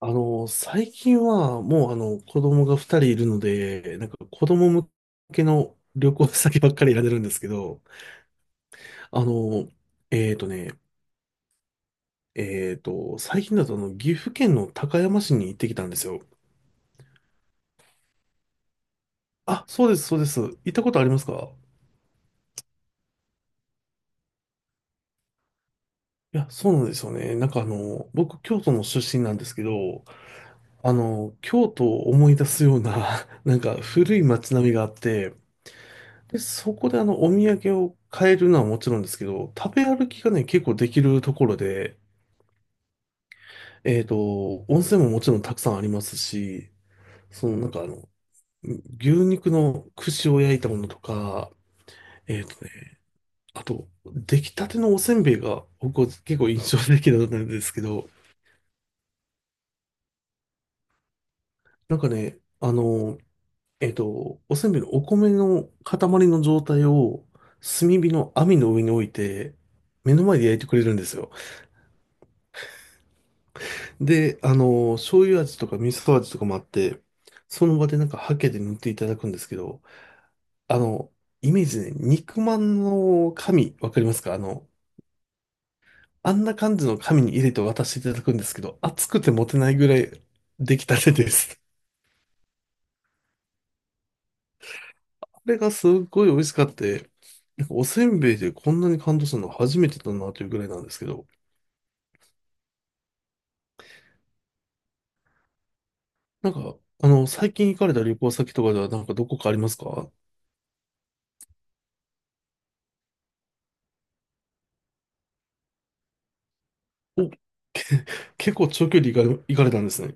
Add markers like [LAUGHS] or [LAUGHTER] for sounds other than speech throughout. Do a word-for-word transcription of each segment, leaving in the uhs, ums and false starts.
あの、最近はもうあの子供がふたりいるので、なんか子供向けの旅行先ばっかり選んでるんですけど、あの、えーとね、えーと、最近だとあの岐阜県の高山市に行ってきたんですよ。あ、そうです、そうです。行ったことありますか？いや、そうなんですよね。なんかあの、僕、京都の出身なんですけど、あの、京都を思い出すような、[LAUGHS] なんか古い街並みがあって、で、そこであの、お土産を買えるのはもちろんですけど、食べ歩きがね、結構できるところで、えっと、温泉ももちろんたくさんありますし、そのなんかあの、牛肉の串を焼いたものとか、えっとね、あと、出来たてのおせんべいが僕は結構印象的だったんですけど、なんかね、あの、えっと、おせんべいのお米の塊の状態を炭火の網の上に置いて、目の前で焼いてくれるんですよ。で、あの、醤油味とか味噌味とかもあって、その場でなんかハケで塗っていただくんですけど、あの、イメージね、肉まんの紙、わかりますか？あの、あんな感じの紙に入れて渡していただくんですけど、熱くて持てないぐらい出来たてです。[LAUGHS] これがすっごい美味しかって、なんかおせんべいでこんなに感動するの初めてだなというぐらいなんですけど、なんか、あの、最近行かれた旅行先とかではなんかどこかありますか？お、け、 [LAUGHS] 結構長距離行かれ、行かれたんですね。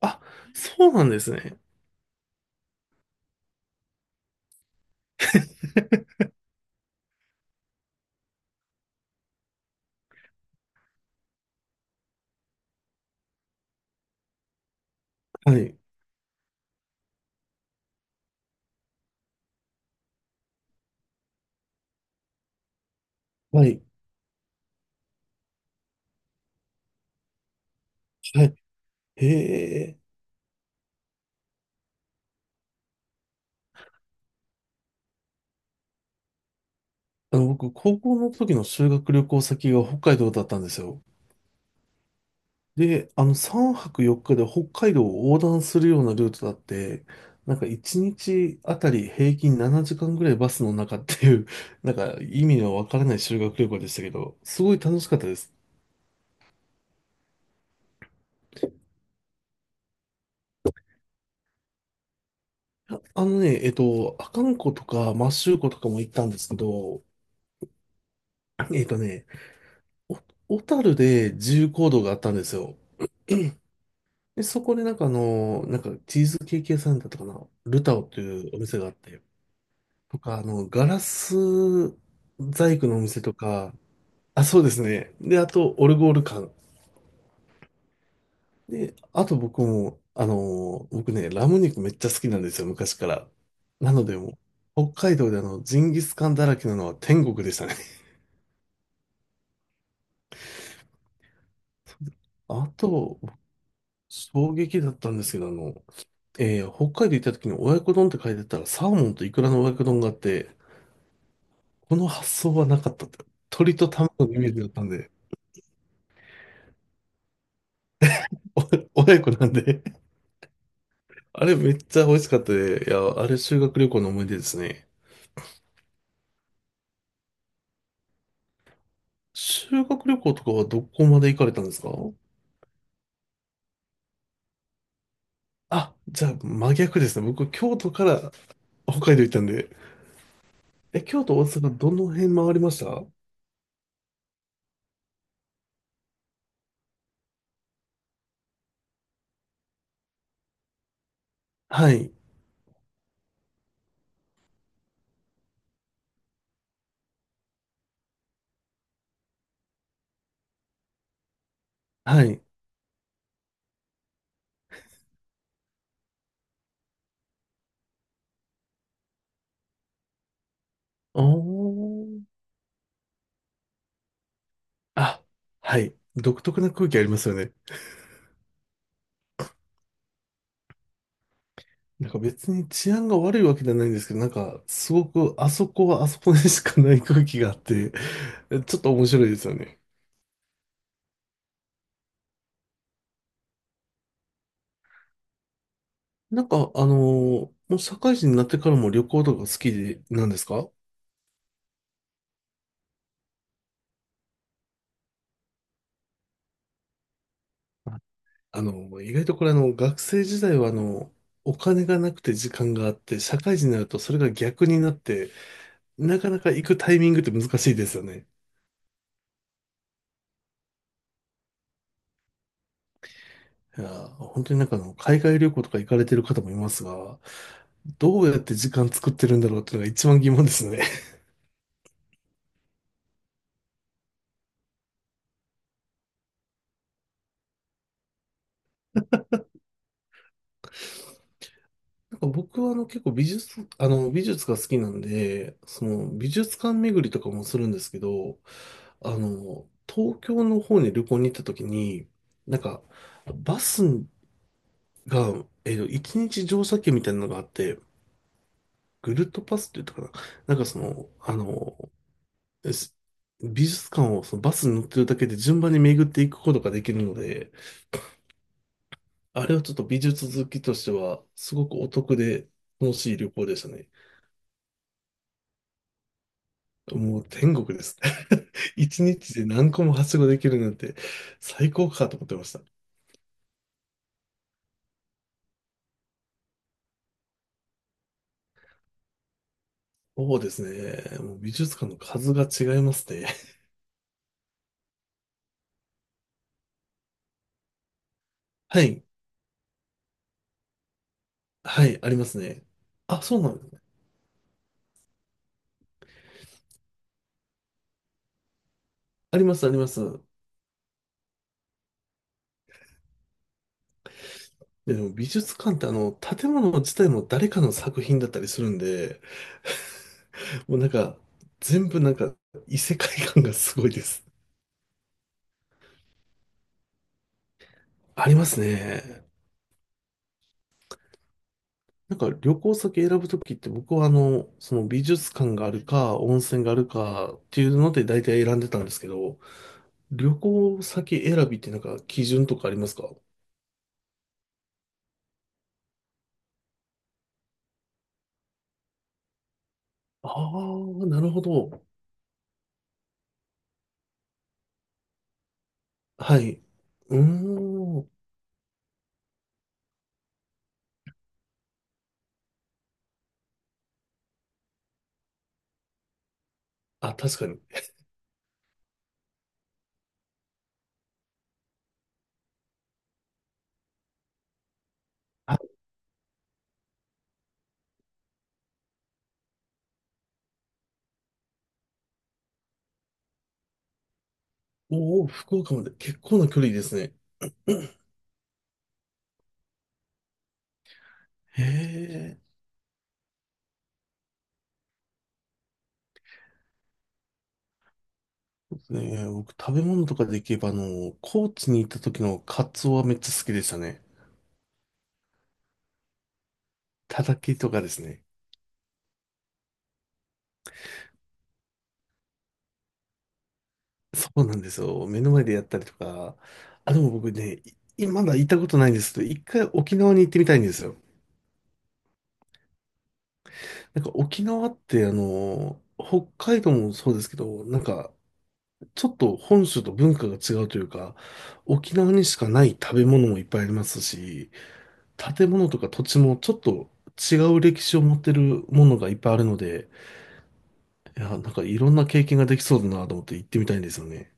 あ、そうなんですね。はい。はい。はい。へえ。あの、僕、高校の時の修学旅行先が北海道だったんですよ。で、あの、さんぱくよっかで北海道を横断するようなルートだって、なんかいちにちあたり平均ななじかんぐらいバスの中っていう、[LAUGHS] なんか意味のわからない修学旅行でしたけど、すごい楽しかったです。いやあのね、えっと、阿寒湖とか摩周湖とかも行ったんですけど、えっとね、お小樽で自由行動があったんですよ。で、そこでなんかあの、なんかチーズケーキ屋さんだったかな、ルタオというお店があって、とか、あの、ガラス細工のお店とか、あ、そうですね。で、あと、オルゴール館。で、あと僕も、あの、僕ね、ラム肉めっちゃ好きなんですよ、昔から。なのでもう、北海道であの、ジンギスカンだらけなのは天国でしたね。[LAUGHS] あと、衝撃だったんですけど、あの、えー北海道行った時に親子丼って書いてたら、サーモンとイクラの親子丼があって、この発想はなかったって。鳥と卵のイメージだったんで、お、親子なんで。あれめっちゃ美味しかったで、いや、あれ修学旅行の思い出ですね。修学旅行とかはどこまで行かれたんですか？あ、じゃあ真逆ですね。僕、京都から北海道行ったんで。え、京都、大阪、どの辺回りました？はい、はい。おー。あ、はい。独特な空気ありますよね。なんか別に治安が悪いわけじゃないんですけど、なんかすごくあそこはあそこでしかない空気があって、[LAUGHS] ちょっと面白いですよね。なんかあのーもう社会人になってからも旅行とか好きでなんですか？あ、あの、意外とこれあの、学生時代はあの、お金がなくて時間があって、社会人になるとそれが逆になって、なかなか行くタイミングって難しいですよね。いやー、本当になんかあの、海外旅行とか行かれてる方もいますが、どうやって時間作ってるんだろうっていうのが一番疑問ですね。僕はあの結構美術、あの美術が好きなんで、その美術館巡りとかもするんですけど、あの、東京の方に旅行に行った時に、なんか、バスが、えっと、一日乗車券みたいなのがあって、ぐるっとパスって言ったかな。なんかその、あの、す美術館をそのバスに乗ってるだけで順番に巡っていくことができるので、あれはちょっと美術好きとしては、すごくお得で楽しい旅行でしたね。もう天国です。[LAUGHS] 一日で何個もはしごできるなんて最高かと思ってました。そうですね。もう美術館の数が違いますね。[LAUGHS] はい。はい。ありますね。あ、そうなんですね。あります、あります。でも美術館ってあの、建物自体も誰かの作品だったりするんで、[LAUGHS] もうなんか、全部なんか異世界感がすごいです。ありますね。なんか旅行先選ぶときって僕はあの、その美術館があるか温泉があるかっていうので大体選んでたんですけど、旅行先選びってなんか基準とかありますか？ああー、なるほど。はい。うーん。あ、確かに。おお、福岡まで結構な距離ですね。へえ。ねえ、僕食べ物とかでいけばあの、高知に行った時のカツオはめっちゃ好きでしたね。たたきとかですね。そうなんですよ。目の前でやったりとか。あ、でも僕ね、いまだ行ったことないんですけど、一回沖縄に行ってみたいんですよ。なんか沖縄って、あの、北海道もそうですけど、なんか、ちょっと本州と文化が違うというか、沖縄にしかない食べ物もいっぱいありますし、建物とか土地もちょっと違う歴史を持ってるものがいっぱいあるので、いや、なんかいろんな経験ができそうだなと思って行ってみたいんですよね。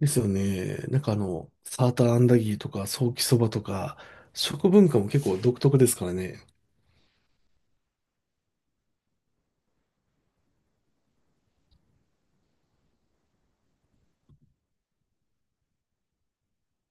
ですよね。なんかあの、サーターアンダギーとか、ソーキそばとか、食文化も結構独特ですからね。